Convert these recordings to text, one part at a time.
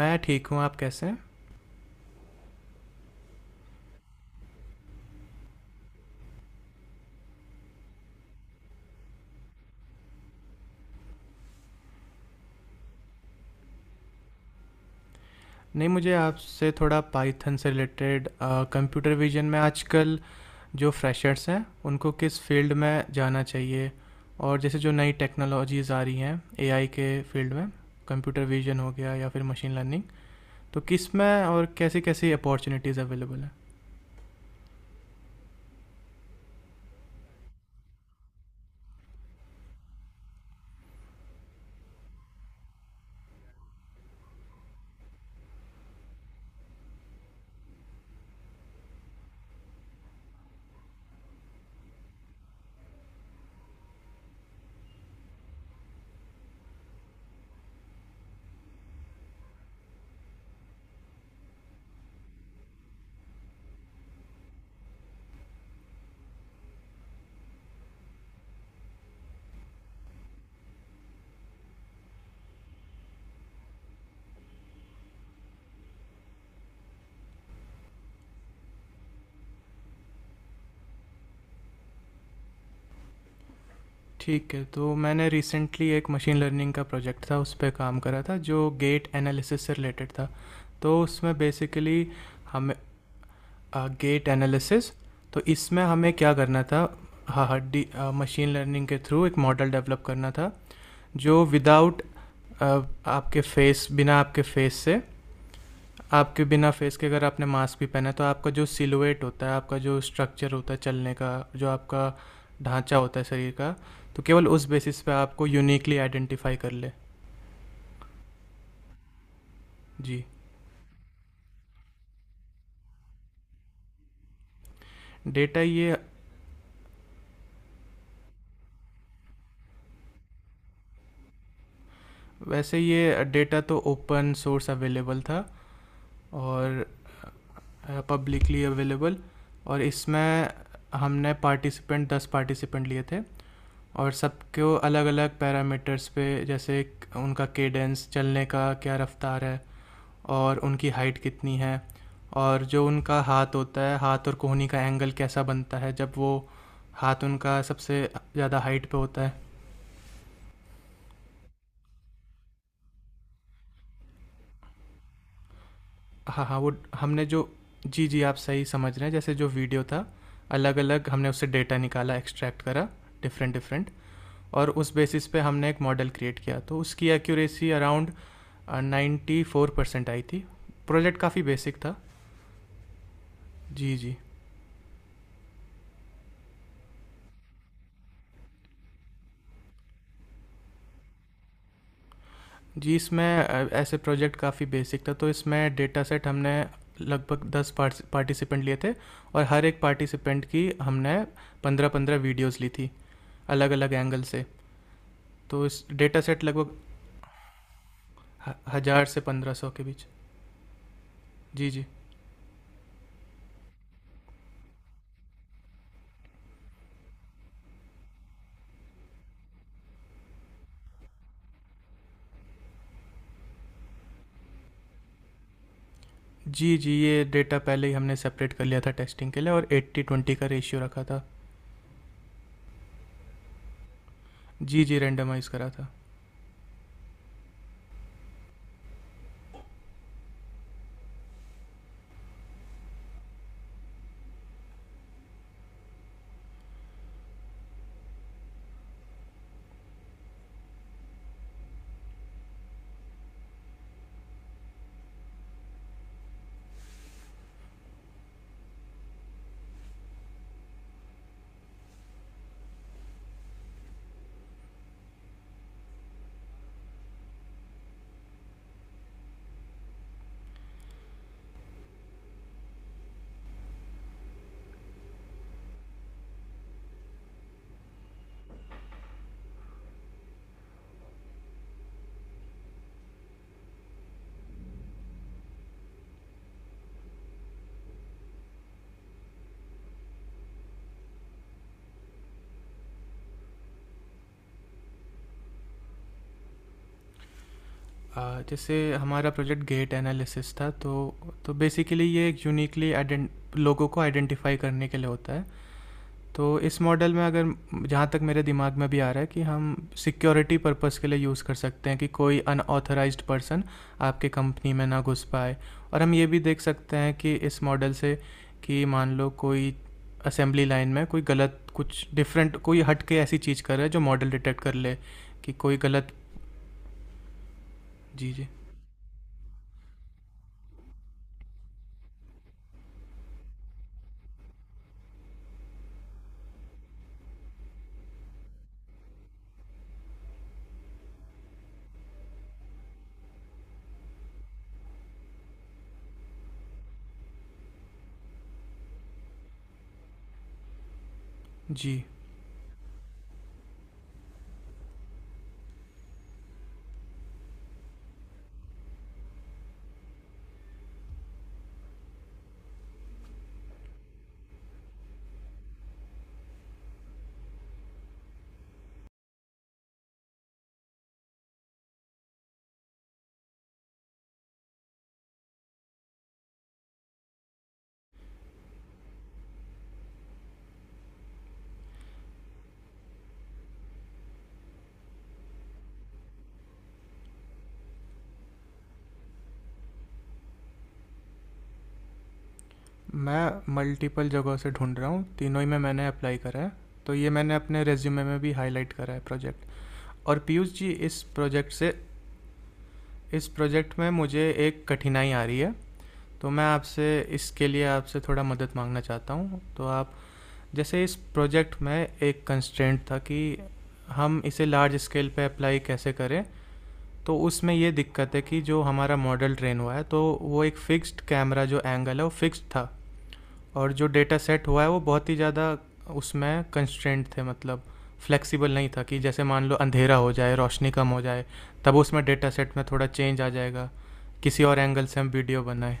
मैं ठीक हूँ, आप कैसे हैं? नहीं, मुझे आपसे थोड़ा पाइथन से रिलेटेड कंप्यूटर विजन में आजकल जो फ्रेशर्स हैं उनको किस फील्ड में जाना चाहिए, और जैसे जो नई टेक्नोलॉजीज़ आ रही हैं एआई के फील्ड में, कंप्यूटर विजन हो गया या फिर मशीन लर्निंग, तो किस में और कैसी कैसी अपॉर्चुनिटीज़ अवेलेबल हैं। ठीक है। तो मैंने रिसेंटली एक मशीन लर्निंग का प्रोजेक्ट था, उस पर काम करा था, जो गेट एनालिसिस से रिलेटेड था। तो उसमें बेसिकली हम गेट एनालिसिस, तो इसमें हमें क्या करना था। हाँ, हड्डी, मशीन लर्निंग के थ्रू एक मॉडल डेवलप करना था जो विदाउट आपके फेस बिना आपके फेस से आपके बिना फेस के, अगर आपने मास्क भी पहना है, तो आपका जो सिलुएट होता है, आपका जो स्ट्रक्चर होता है, चलने का जो आपका ढांचा होता है शरीर का, तो केवल उस बेसिस पे आपको यूनिकली आइडेंटिफाई कर ले। जी। डेटा ये वैसे ये डेटा तो ओपन सोर्स अवेलेबल था, और पब्लिकली अवेलेबल। और इसमें हमने पार्टिसिपेंट 10 पार्टिसिपेंट लिए थे, और सबको अलग अलग पैरामीटर्स पे, जैसे उनका केडेंस, चलने का क्या रफ्तार है, और उनकी हाइट कितनी है, और जो उनका हाथ होता है, हाथ और कोहनी का एंगल कैसा बनता है जब वो हाथ उनका सबसे ज़्यादा हाइट पे होता है। हाँ हाँ। वो हमने जो जी जी, आप सही समझ रहे हैं, जैसे जो वीडियो था, अलग अलग हमने उससे डेटा निकाला, एक्सट्रैक्ट करा, डिफरेंट डिफरेंट। और उस बेसिस पे हमने एक मॉडल क्रिएट किया, तो उसकी एक्यूरेसी अराउंड 94% आई थी। प्रोजेक्ट काफ़ी बेसिक था। जी जी। जी, इसमें ऐसे प्रोजेक्ट काफ़ी बेसिक था, तो इसमें डेटा सेट हमने लगभग 10 पार्टिसिपेंट लिए थे, और हर एक पार्टिसिपेंट की हमने 15-15 वीडियोस ली थी अलग अलग एंगल से। तो इस डेटा सेट लगभग 1,000 से 1,500 के बीच। जी जी। जी जी, ये डेटा पहले ही हमने सेपरेट कर लिया था टेस्टिंग के लिए, और 80-20 का रेशियो रखा था। जी जी, रेंडमाइज़ करा था। जैसे हमारा प्रोजेक्ट गेट एनालिसिस था, तो बेसिकली ये एक यूनिकली लोगों को आइडेंटिफाई करने के लिए होता है। तो इस मॉडल में, अगर जहाँ तक मेरे दिमाग में भी आ रहा है कि हम सिक्योरिटी पर्पस के लिए यूज़ कर सकते हैं, कि कोई अनऑथराइज्ड पर्सन आपके कंपनी में ना घुस पाए। और हम ये भी देख सकते हैं कि इस मॉडल से, कि मान लो कोई असेंबली लाइन में कोई गलत, कुछ डिफरेंट, कोई हट के ऐसी चीज़ कर रहा है जो मॉडल डिटेक्ट कर ले, कि कोई गलत। जी जी। जी, मैं मल्टीपल जगहों से ढूँढ रहा हूँ, तीनों ही में मैंने अप्लाई करा है, तो ये मैंने अपने रिज्यूमे में भी हाइलाइट करा है प्रोजेक्ट। और पीयूष जी, इस प्रोजेक्ट में मुझे एक कठिनाई आ रही है, तो मैं आपसे इसके लिए आपसे थोड़ा मदद माँगना चाहता हूँ। तो आप जैसे इस प्रोजेक्ट में एक कंस्ट्रेंट था कि हम इसे लार्ज स्केल पे अप्लाई कैसे करें। तो उसमें ये दिक्कत है कि जो हमारा मॉडल ट्रेन हुआ है, तो वो एक फिक्स्ड कैमरा, जो एंगल है वो फिक्स्ड था, और जो डेटा सेट हुआ है वो बहुत ही ज़्यादा, उसमें कंस्ट्रेंट थे, मतलब फ्लेक्सिबल नहीं था, कि जैसे मान लो अंधेरा हो जाए, रोशनी कम हो जाए, तब उसमें डेटा सेट में थोड़ा चेंज आ जाएगा, किसी और एंगल से हम वीडियो बनाए।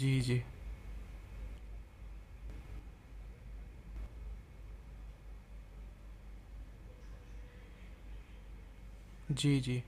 जी जी। जी जी।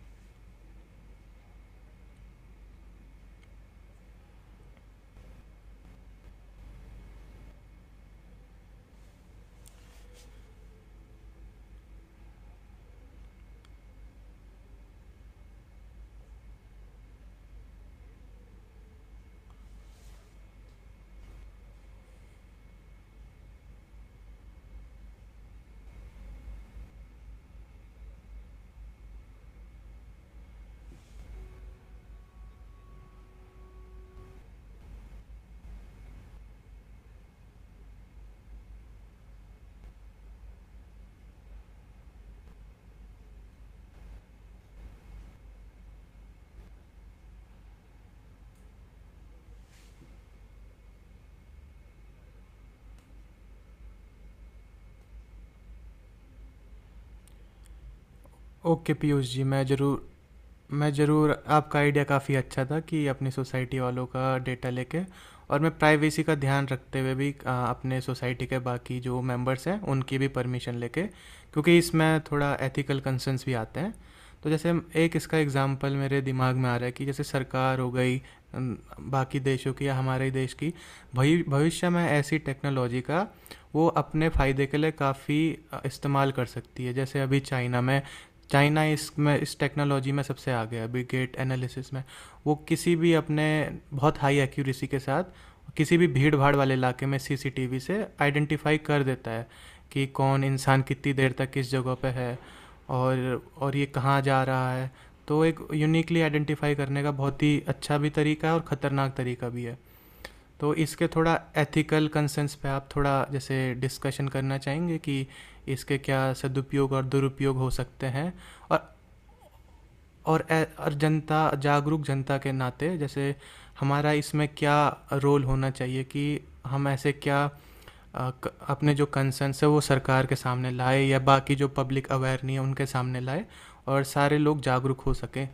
ओके पीयूष जी, मैं ज़रूर, आपका आइडिया काफ़ी अच्छा था, कि अपनी सोसाइटी वालों का डेटा लेके, और मैं प्राइवेसी का ध्यान रखते हुए भी अपने सोसाइटी के बाकी जो मेंबर्स हैं उनकी भी परमिशन लेके, क्योंकि इसमें थोड़ा एथिकल कंसर्न्स भी आते हैं। तो जैसे, एक इसका एग्जांपल मेरे दिमाग में आ रहा है, कि जैसे सरकार हो गई, अम, बाकी देशों की या हमारे ही देश की, भविष्य में ऐसी टेक्नोलॉजी का वो अपने फ़ायदे के लिए काफ़ी इस्तेमाल कर सकती है। जैसे अभी चाइना इसमें, इस टेक्नोलॉजी में सबसे आगे है अभी गेट एनालिसिस में। वो किसी भी अपने, बहुत हाई एक्यूरेसी के साथ, किसी भी भीड़ भाड़ वाले इलाके में सीसीटीवी से आइडेंटिफाई कर देता है कि कौन इंसान कितनी देर तक किस जगह पे है, और ये कहाँ जा रहा है। तो एक यूनिकली आइडेंटिफाई करने का बहुत ही अच्छा भी तरीका है और ख़तरनाक तरीका भी है। तो इसके थोड़ा एथिकल कंसर्न्स पे आप थोड़ा जैसे डिस्कशन करना चाहेंगे, कि इसके क्या सदुपयोग और दुरुपयोग हो सकते हैं। और और जनता, जागरूक जनता के नाते जैसे हमारा इसमें क्या रोल होना चाहिए, कि हम ऐसे क्या, अपने जो कंसर्न्स है वो सरकार के सामने लाए, या बाकी जो पब्लिक अवेयर नहीं है उनके सामने लाए, और सारे लोग जागरूक हो सकें।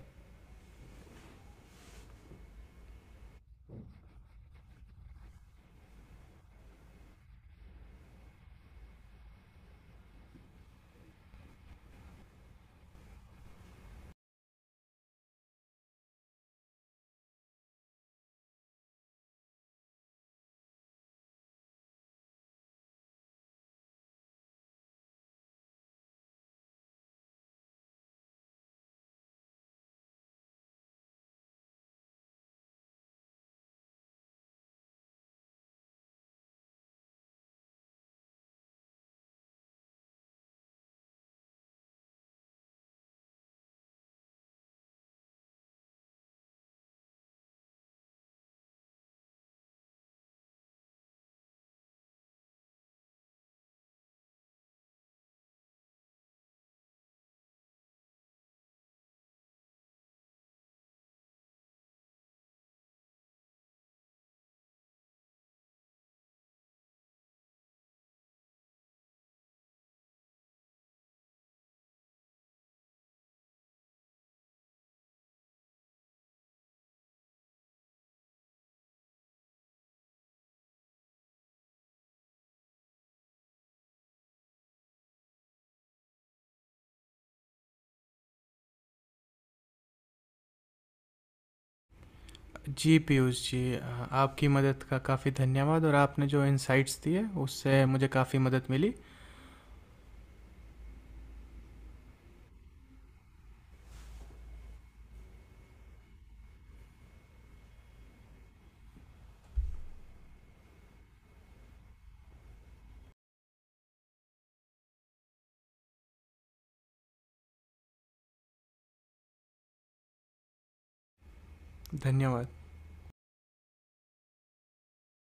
जी पीयूष जी, आपकी मदद का काफ़ी धन्यवाद, और आपने जो इंसाइट्स दिए उससे मुझे काफ़ी मदद मिली। धन्यवाद।